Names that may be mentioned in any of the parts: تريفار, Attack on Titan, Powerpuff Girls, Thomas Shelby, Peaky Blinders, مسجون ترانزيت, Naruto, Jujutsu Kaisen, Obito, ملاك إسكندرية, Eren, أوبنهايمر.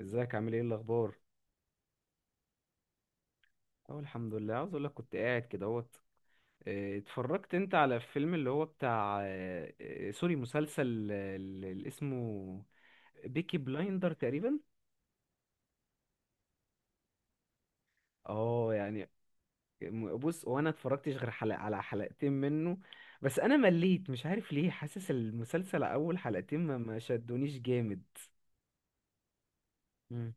ازيك عامل ايه الاخبار؟ اه الحمد لله، عاوز اقول لك كنت قاعد كده اهوت. اه، اتفرجت انت على الفيلم اللي هو بتاع سوري، مسلسل اللي اسمه بيكي بلايندر تقريبا. اه يعني. بص، وانا اتفرجتش غير حلقة على حلقتين منه. بس انا مليت، مش عارف ليه، حاسس المسلسل اول حلقتين ما شدونيش جامد. مم.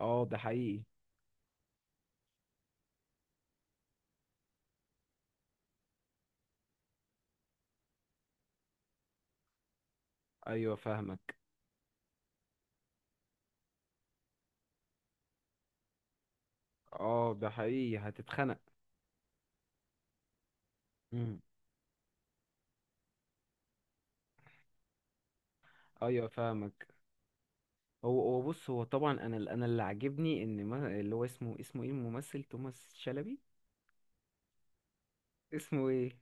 اه ده حقيقي. ايوه فاهمك. اه ده حقيقي هتتخنق. مم. ايوه فاهمك. هو بص، هو طبعا، انا انا اللي عاجبني ان ما اللي هو اسمه ايه الممثل؟ توماس شلبي. اسمه ايه؟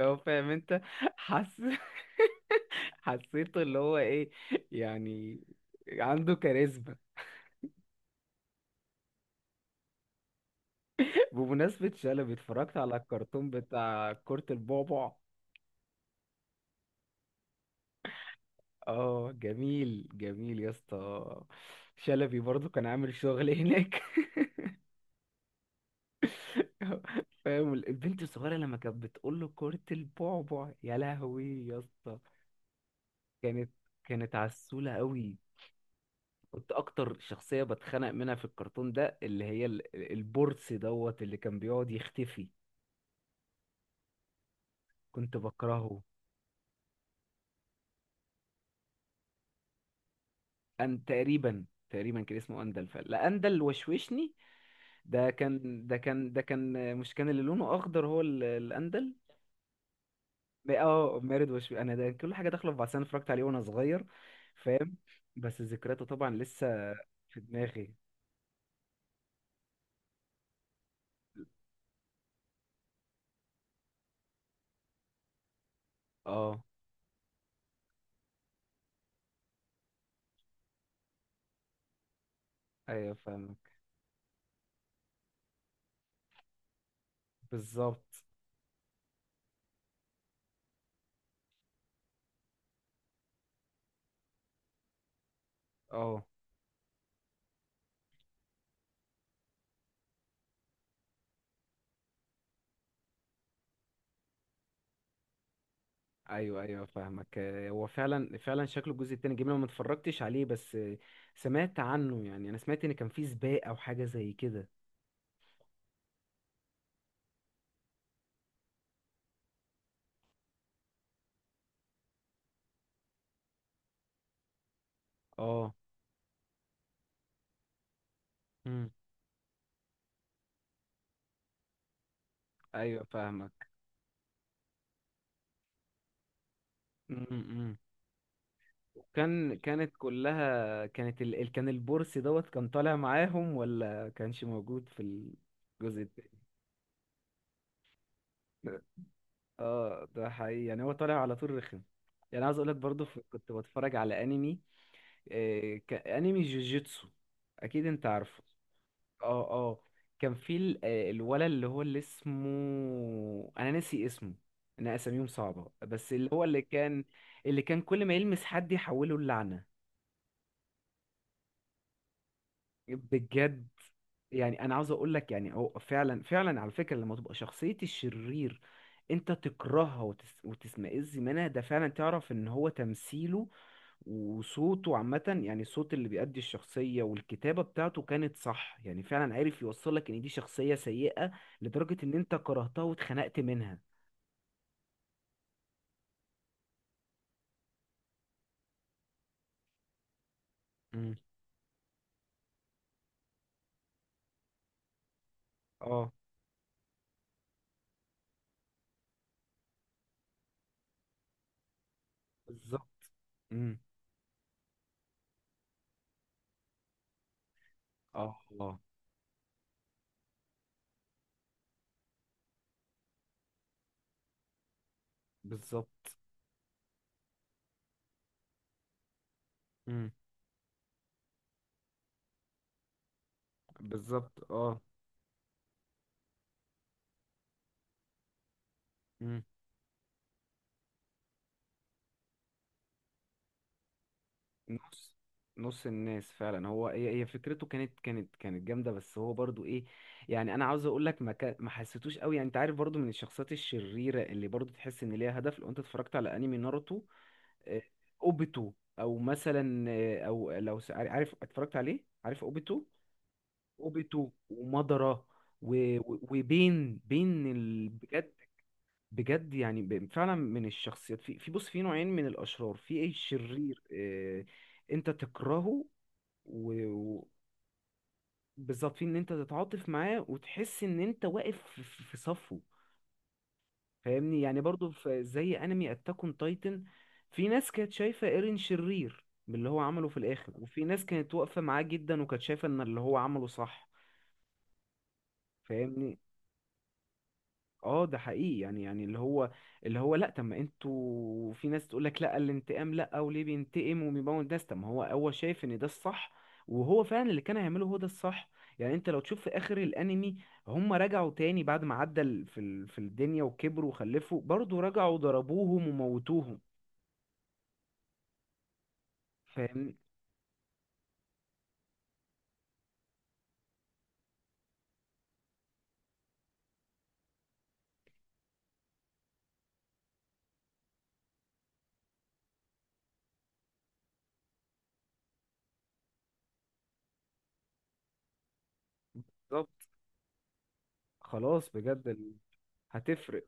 هو فاهم انت. حس حسيته اللي هو ايه يعني، عنده كاريزما. بمناسبة شلبي، اتفرجت على الكرتون بتاع كرة البعبع. اه جميل جميل يا اسطى. شلبي برضو كان عامل شغل هناك فاهم البنت الصغيرة لما كانت بتقول له كرة البعبع، يا لهوي يا اسطى. كانت كانت عسولة قوي. كنت اكتر شخصية بتخنق منها في الكرتون ده اللي هي البورس دوت اللي كان بيقعد يختفي. كنت بكرهه. ان تقريبا، تقريبا كان اسمه اندل، فلا، اندل وشوشني. ده كان مش، كان اللي لونه اخضر هو الاندل. اه مارد وشوش انا. ده كل حاجة داخلة في بعض. انا اتفرجت عليه وانا صغير، فاهم. بس ذكرياته طبعا لسه في دماغي. اه. ايوه فاهمك. بالظبط. اه ايوه ايوه فاهمك. هو فعلا فعلا شكله الجزء التاني جميل، أنا ما اتفرجتش عليه. بس سمعت عنه. يعني انا سمعت ان كان فيه سباق او حاجه زي كده. اه. مم. ايوه فاهمك. امم كانت كلها، كانت كان البورس دوت كان طالع معاهم ولا كانش موجود في الجزء التاني؟ اه ده حقيقي، يعني هو طالع على طول رخم. يعني عايز اقول لك برضو كنت بتفرج على انمي، انمي جوجيتسو، اكيد انت عارفه. اه اه. كان في الولد اللي هو، اللي اسمه انا ناسي اسمه، انا اساميهم صعبة، بس اللي هو اللي كان، اللي كان كل ما يلمس حد يحوله اللعنة، بجد. يعني انا عاوز اقول لك، يعني هو فعلا فعلا على فكره، لما تبقى شخصيه الشرير انت تكرهها وتسمئز منها، ده فعلا تعرف ان هو تمثيله وصوته عامه، يعني الصوت اللي بيأدي الشخصيه والكتابه بتاعته كانت صح، يعني فعلا عارف يوصل لك ان دي شخصيه سيئه لدرجه ان انت كرهتها واتخنقت منها. امم اه بالظبط. امم اه اه بالظبط. امم بالظبط اه. مم. نص نص الناس فعلا، هو هي هي فكرته كانت جامده. بس هو برضو ايه، يعني انا عاوز اقول لك ما حسيتوش قوي. يعني انت عارف برضو من الشخصيات الشريره اللي برضو تحس ان ليها هدف، لو انت اتفرجت على انمي ناروتو، آه، اوبيتو، او مثلا عارف اتفرجت عليه، عارف اوبيتو. اوبيتو ومادارا وبين، بين بجد. بجد يعني فعلا من الشخصيات، في بص، في نوعين من الاشرار، في ايه، الشرير، انت تكرهه و- وبالظبط في ان انت تتعاطف معاه وتحس ان انت واقف في صفه، فاهمني. يعني برضو في زي انمي اتاك اون تايتن، في ناس كانت شايفة ايرين شرير من اللي هو عمله في الاخر، وفي ناس كانت واقفة معاه جدا وكانت شايفة ان اللي هو عمله صح، فاهمني. اه ده حقيقي. يعني اللي هو، اللي هو، لا، طب ما انتوا، في ناس تقول لك لا الانتقام، لا، وليه بينتقم وبيموت ناس؟ طب ما هو شايف ان ده الصح، وهو فعلا اللي كان هيعمله هو ده الصح. يعني انت لو تشوف في اخر الانمي، هم رجعوا تاني بعد ما عدى في الدنيا وكبروا وخلفوا، برضه رجعوا ضربوهم وموتوهم، فاهمني. بالظبط. خلاص بجد هتفرق.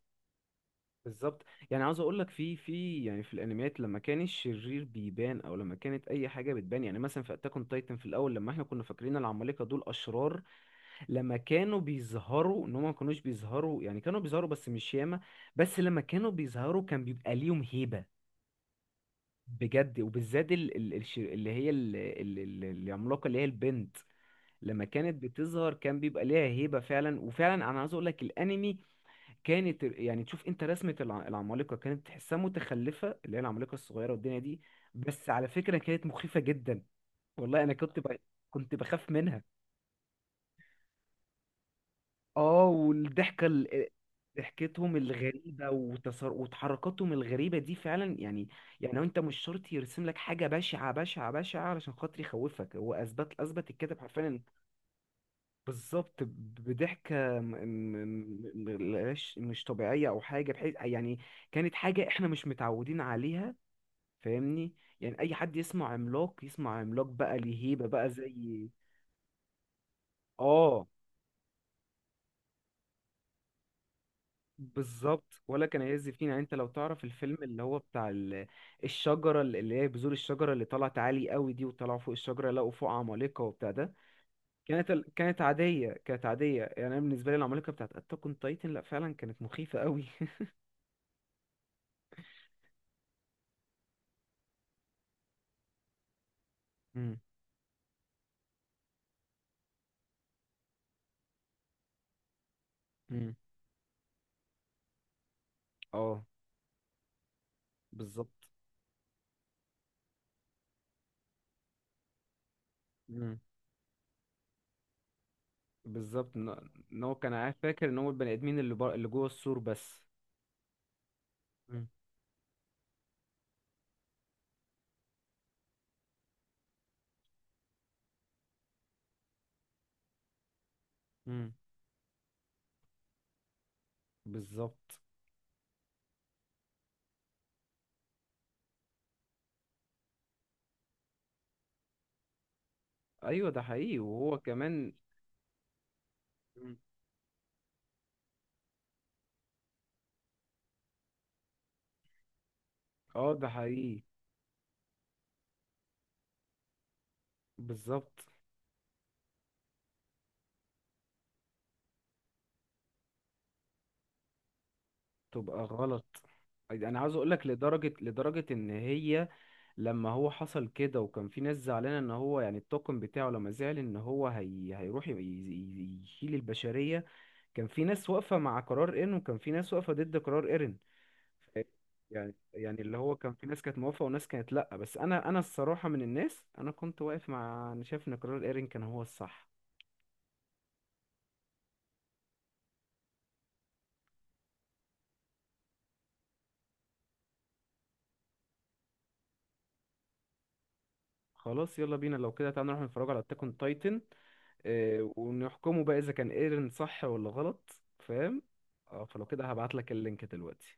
بالظبط. يعني عاوز اقول لك في يعني في الانميات، لما كان الشرير بيبان او لما كانت اي حاجه بتبان، يعني مثلا في اتاك اون تايتن في الاول، لما احنا كنا فاكرين العمالقه دول اشرار، لما كانوا بيظهروا، ان هم ما كانوش بيظهروا، يعني كانوا بيظهروا بس مش ياما، بس لما كانوا بيظهروا كان بيبقى ليهم هيبه بجد. وبالذات اللي هي العملاقه اللي هي البنت، لما كانت بتظهر كان بيبقى ليها هيبه فعلا. وفعلا انا عاوز اقول لك، الانمي كانت، يعني تشوف انت رسمة العمالقة كانت تحسها متخلفة، اللي هي العمالقة الصغيرة والدنيا دي، بس على فكرة كانت مخيفة جدا. والله انا كنت كنت بخاف منها. اه والضحكة ضحكتهم الغريبة وتحركاتهم الغريبة دي فعلا، يعني. يعني هو انت مش شرط يرسم لك حاجة بشعة بشعة بشعة علشان خاطر يخوفك، هو اثبت اثبت الكاتب حرفيا. بالظبط بضحكة مش طبيعية أو حاجة، بحيث يعني كانت حاجة إحنا مش متعودين عليها، فاهمني. يعني أي حد يسمع عملاق، يسمع عملاق بقى ليه هيبة بقى زي. آه بالظبط ولا كان يزفين. يعني أنت لو تعرف الفيلم اللي هو بتاع الشجرة، اللي هي بذور الشجرة اللي طلعت عالي قوي دي، وطلعوا فوق الشجرة لقوا فوق عمالقة وبتاع ده، كانت كانت عادية كانت عادية. يعني أنا بالنسبة لي العمالقة بتاعت أتاك أون تايتن لأ، فعلا كانت مخيفة قوي. مم. اه بالظبط. مم. بالظبط ان، إن هو كان عارف، فاكر ان هو البني ادمين اللي اللي جوه السور بس. مم. مم. بالظبط. ايوه ده حقيقي وهو كمان. مم. اه ده حقيقي. بالظبط تبقى غلط. انا عاوز اقول لك لدرجه لدرجه ان هي لما هو حصل كده، وكان في ناس زعلانه ان هو يعني الطاقم بتاعه لما زعل ان هو هيروح يشيل البشريه، كان في ناس واقفه مع قرار ايرن وكان في ناس واقفه ضد قرار ايرن. يعني اللي هو كان في ناس كانت موافقة وناس كانت لأ. بس أنا الصراحة من الناس، أنا كنت واقف مع، أنا شايف إن قرار إيرين كان هو الصح. خلاص يلا بينا، لو كده تعالى نروح نتفرج على أتاك أون تايتن ونحكمه بقى، إذا كان إيرين صح ولا غلط، فاهم. اه فلو كده هبعتلك اللينك دلوقتي.